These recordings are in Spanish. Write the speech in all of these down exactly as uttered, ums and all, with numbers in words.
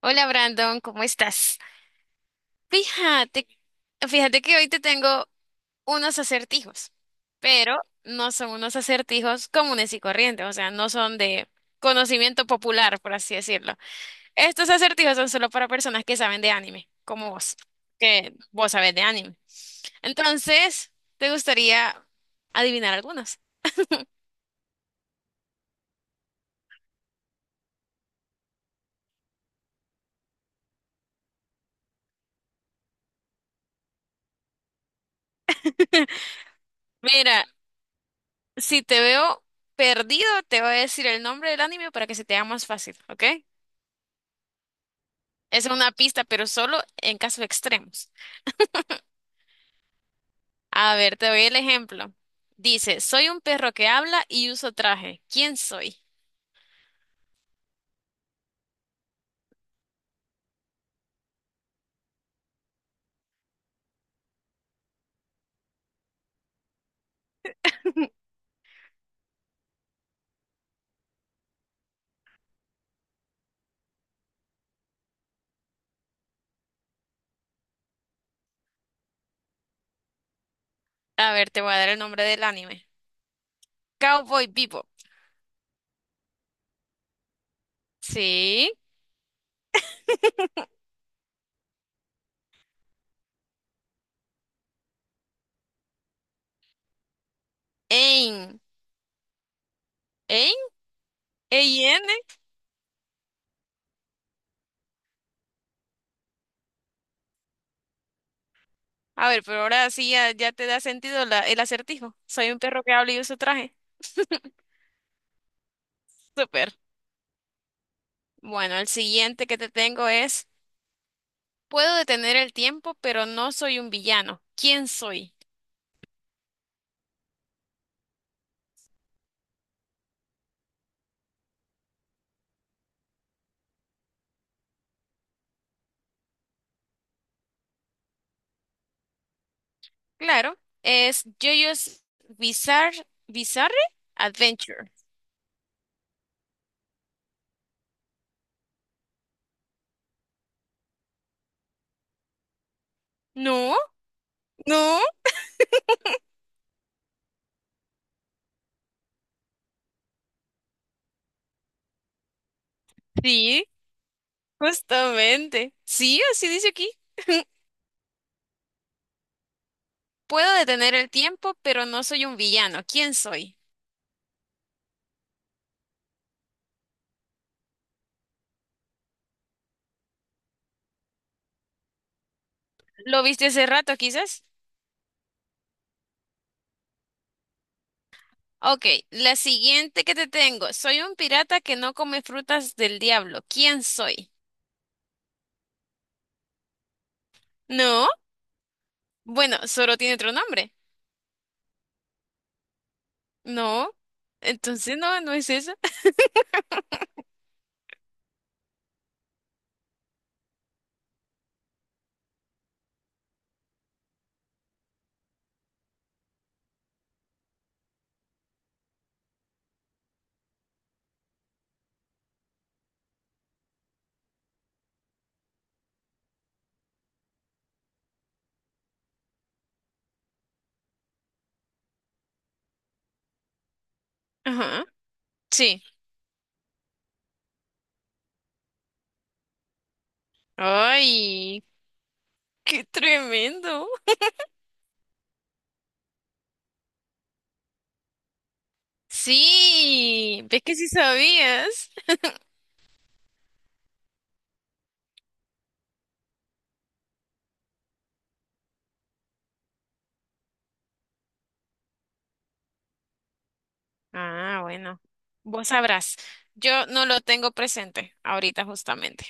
Hola Brandon, ¿cómo estás? Fíjate, fíjate que hoy te tengo unos acertijos, pero no son unos acertijos comunes y corrientes, o sea, no son de conocimiento popular, por así decirlo. Estos acertijos son solo para personas que saben de anime, como vos, que vos sabés de anime. Entonces, ¿te gustaría adivinar algunos? Mira, si te veo perdido, te voy a decir el nombre del anime para que se te haga más fácil, ¿ok? Es una pista, pero solo en casos extremos. A ver, te doy el ejemplo. Dice, soy un perro que habla y uso traje. ¿Quién soy? A ver, te voy a dar el nombre del anime. Cowboy Bebop. Sí. Ein. Ein. E I N. A ver, pero ahora sí ya, ya te da sentido la- el acertijo. Soy un perro que habla y uso traje. Súper. Bueno, el siguiente que te tengo es, puedo detener el tiempo, pero no soy un villano. ¿Quién soy? Claro, es JoJo's Bizarre, Bizarre Adventure. No, no, sí, justamente. Sí, así dice aquí. Puedo detener el tiempo, pero no soy un villano. ¿Quién soy? ¿Lo viste hace rato, quizás? Ok, la siguiente que te tengo. Soy un pirata que no come frutas del diablo. ¿Quién soy? No, bueno, solo tiene otro nombre. No, entonces no, no es eso. Ajá, sí. Ay, qué tremendo. Sí, ves que sí sabías. Ah, bueno, vos sabrás. Yo no lo tengo presente ahorita justamente.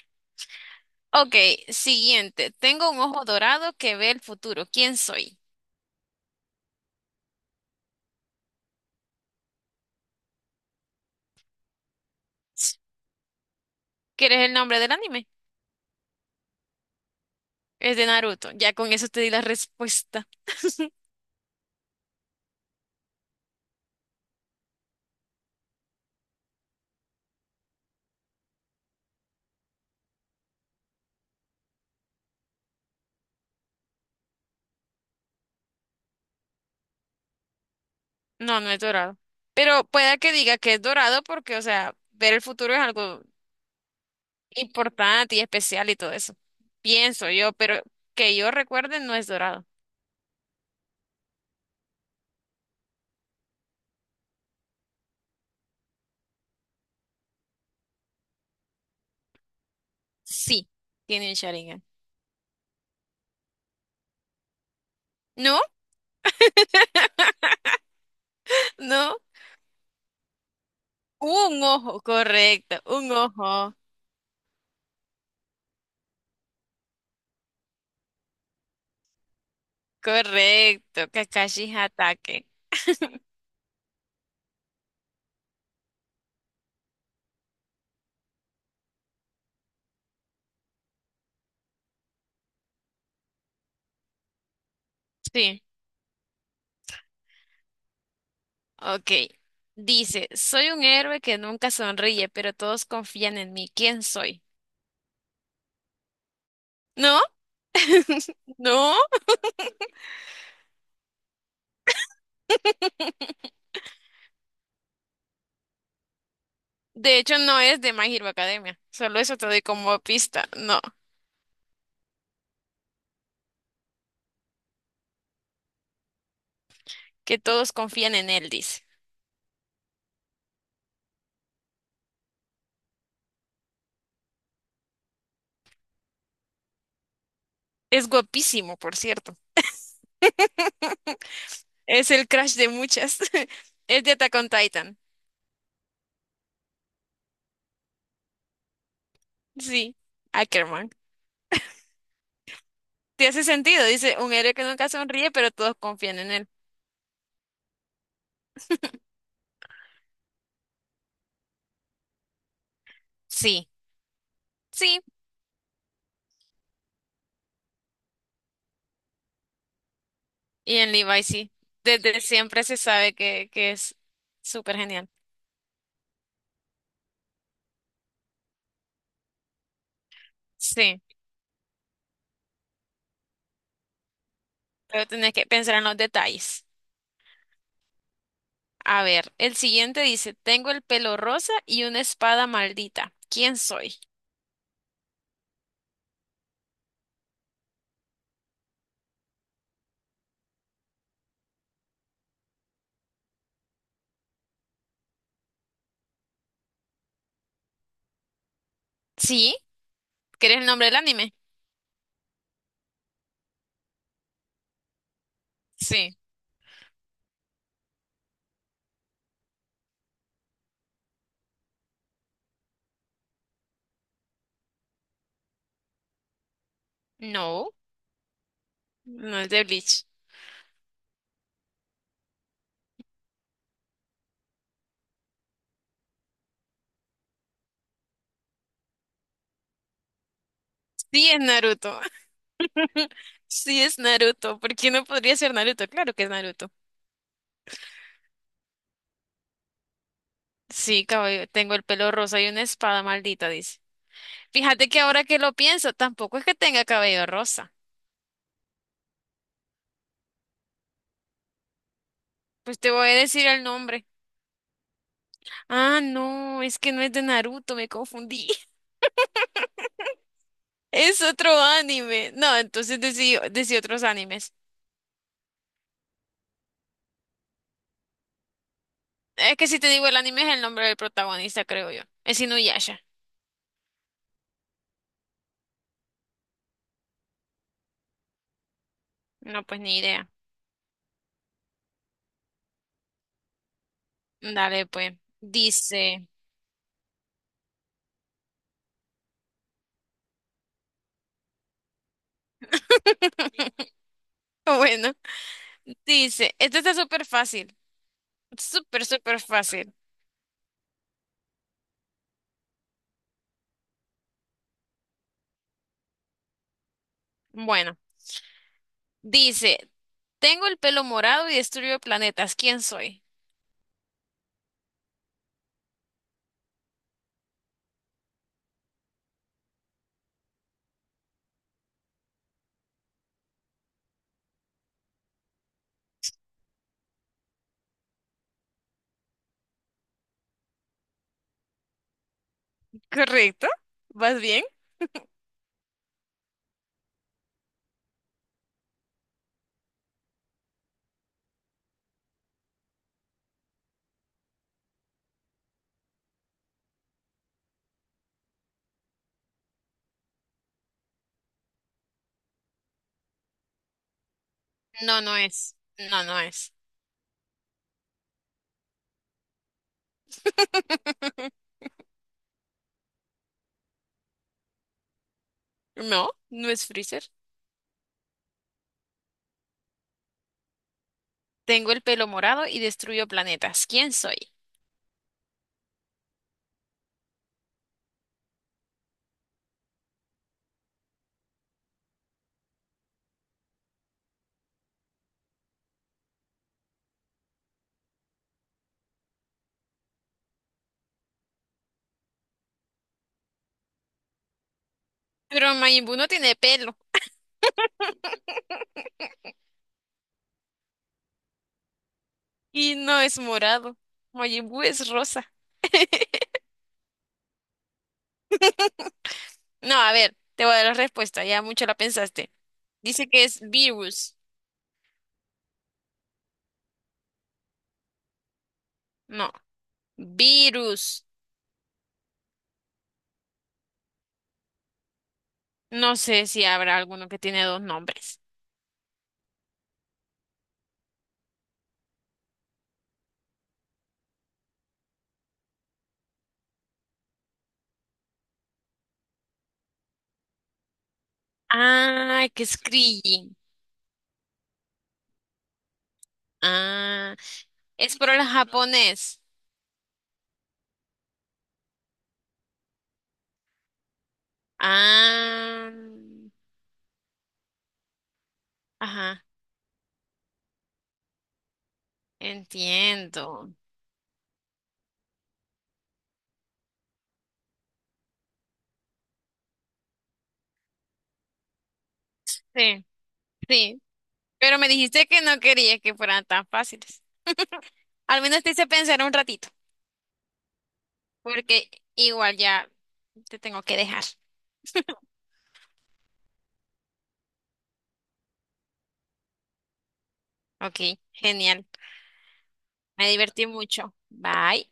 Ok, siguiente. Tengo un ojo dorado que ve el futuro. ¿Quién soy? ¿Quieres el nombre del anime? Es de Naruto. Ya con eso te di la respuesta. No, no es dorado. Pero pueda que diga que es dorado porque, o sea, ver el futuro es algo importante y especial y todo eso. Pienso yo, pero que yo recuerde no es dorado. Sí, tiene un Sharingan. ¿No? ¿No? Un ojo, correcto, un ojo, correcto. Kakashi ataque. Sí, ok. Dice, soy un héroe que nunca sonríe, pero todos confían en mí. ¿Quién soy? ¿No? No. De hecho, no es de My Hero Academia. Solo eso te doy como pista. No, que todos confían en él, dice. Es guapísimo, por cierto. Es el crush de muchas. Es de Attack on Titan. Sí, Ackerman. Te hace sentido, dice, un héroe que nunca sonríe, pero todos confían en él. Sí, sí, y en Levi sí. Desde siempre se sabe que, que es súper genial. Sí, pero tenés que pensar en los detalles. A ver, el siguiente dice, tengo el pelo rosa y una espada maldita. ¿Quién soy? Sí, ¿querés el nombre del anime? Sí. No, no es de Bleach. Sí es Naruto. Sí es Naruto. ¿Por qué no podría ser Naruto? Claro que es Naruto. Sí, cabello, tengo el pelo rosa y una espada maldita, dice. Fíjate que ahora que lo pienso, tampoco es que tenga cabello rosa. Pues te voy a decir el nombre. Ah, no, es que no es de Naruto, me confundí. Es otro anime. No, entonces decí, decí otros animes. Es que si te digo el anime es el nombre del protagonista, creo yo. Es Inuyasha. No, pues ni idea. Dale, pues. Dice. Bueno, dice. Esto está súper fácil. Súper, súper fácil. Bueno. Dice, tengo el pelo morado y destruyo planetas. ¿Quién soy? ¿Correcto? ¿Vas bien? No, no es. No, no es. No, no es Freezer. Tengo el pelo morado y destruyo planetas. ¿Quién soy? Pero Majin Buu no tiene pelo y no es morado. Majin Buu es rosa. No, a ver, te voy a dar la respuesta. Ya mucho la pensaste. Dice que es virus. No, virus. No sé si habrá alguno que tiene dos nombres. Ah, que es Krillin. Ah, es por el japonés. Ah, ajá, entiendo. Sí, sí. Pero me dijiste que no querías que fueran tan fáciles. Al menos te hice pensar un ratito, porque igual ya te tengo que dejar. Ok, genial. Me divertí mucho. Bye.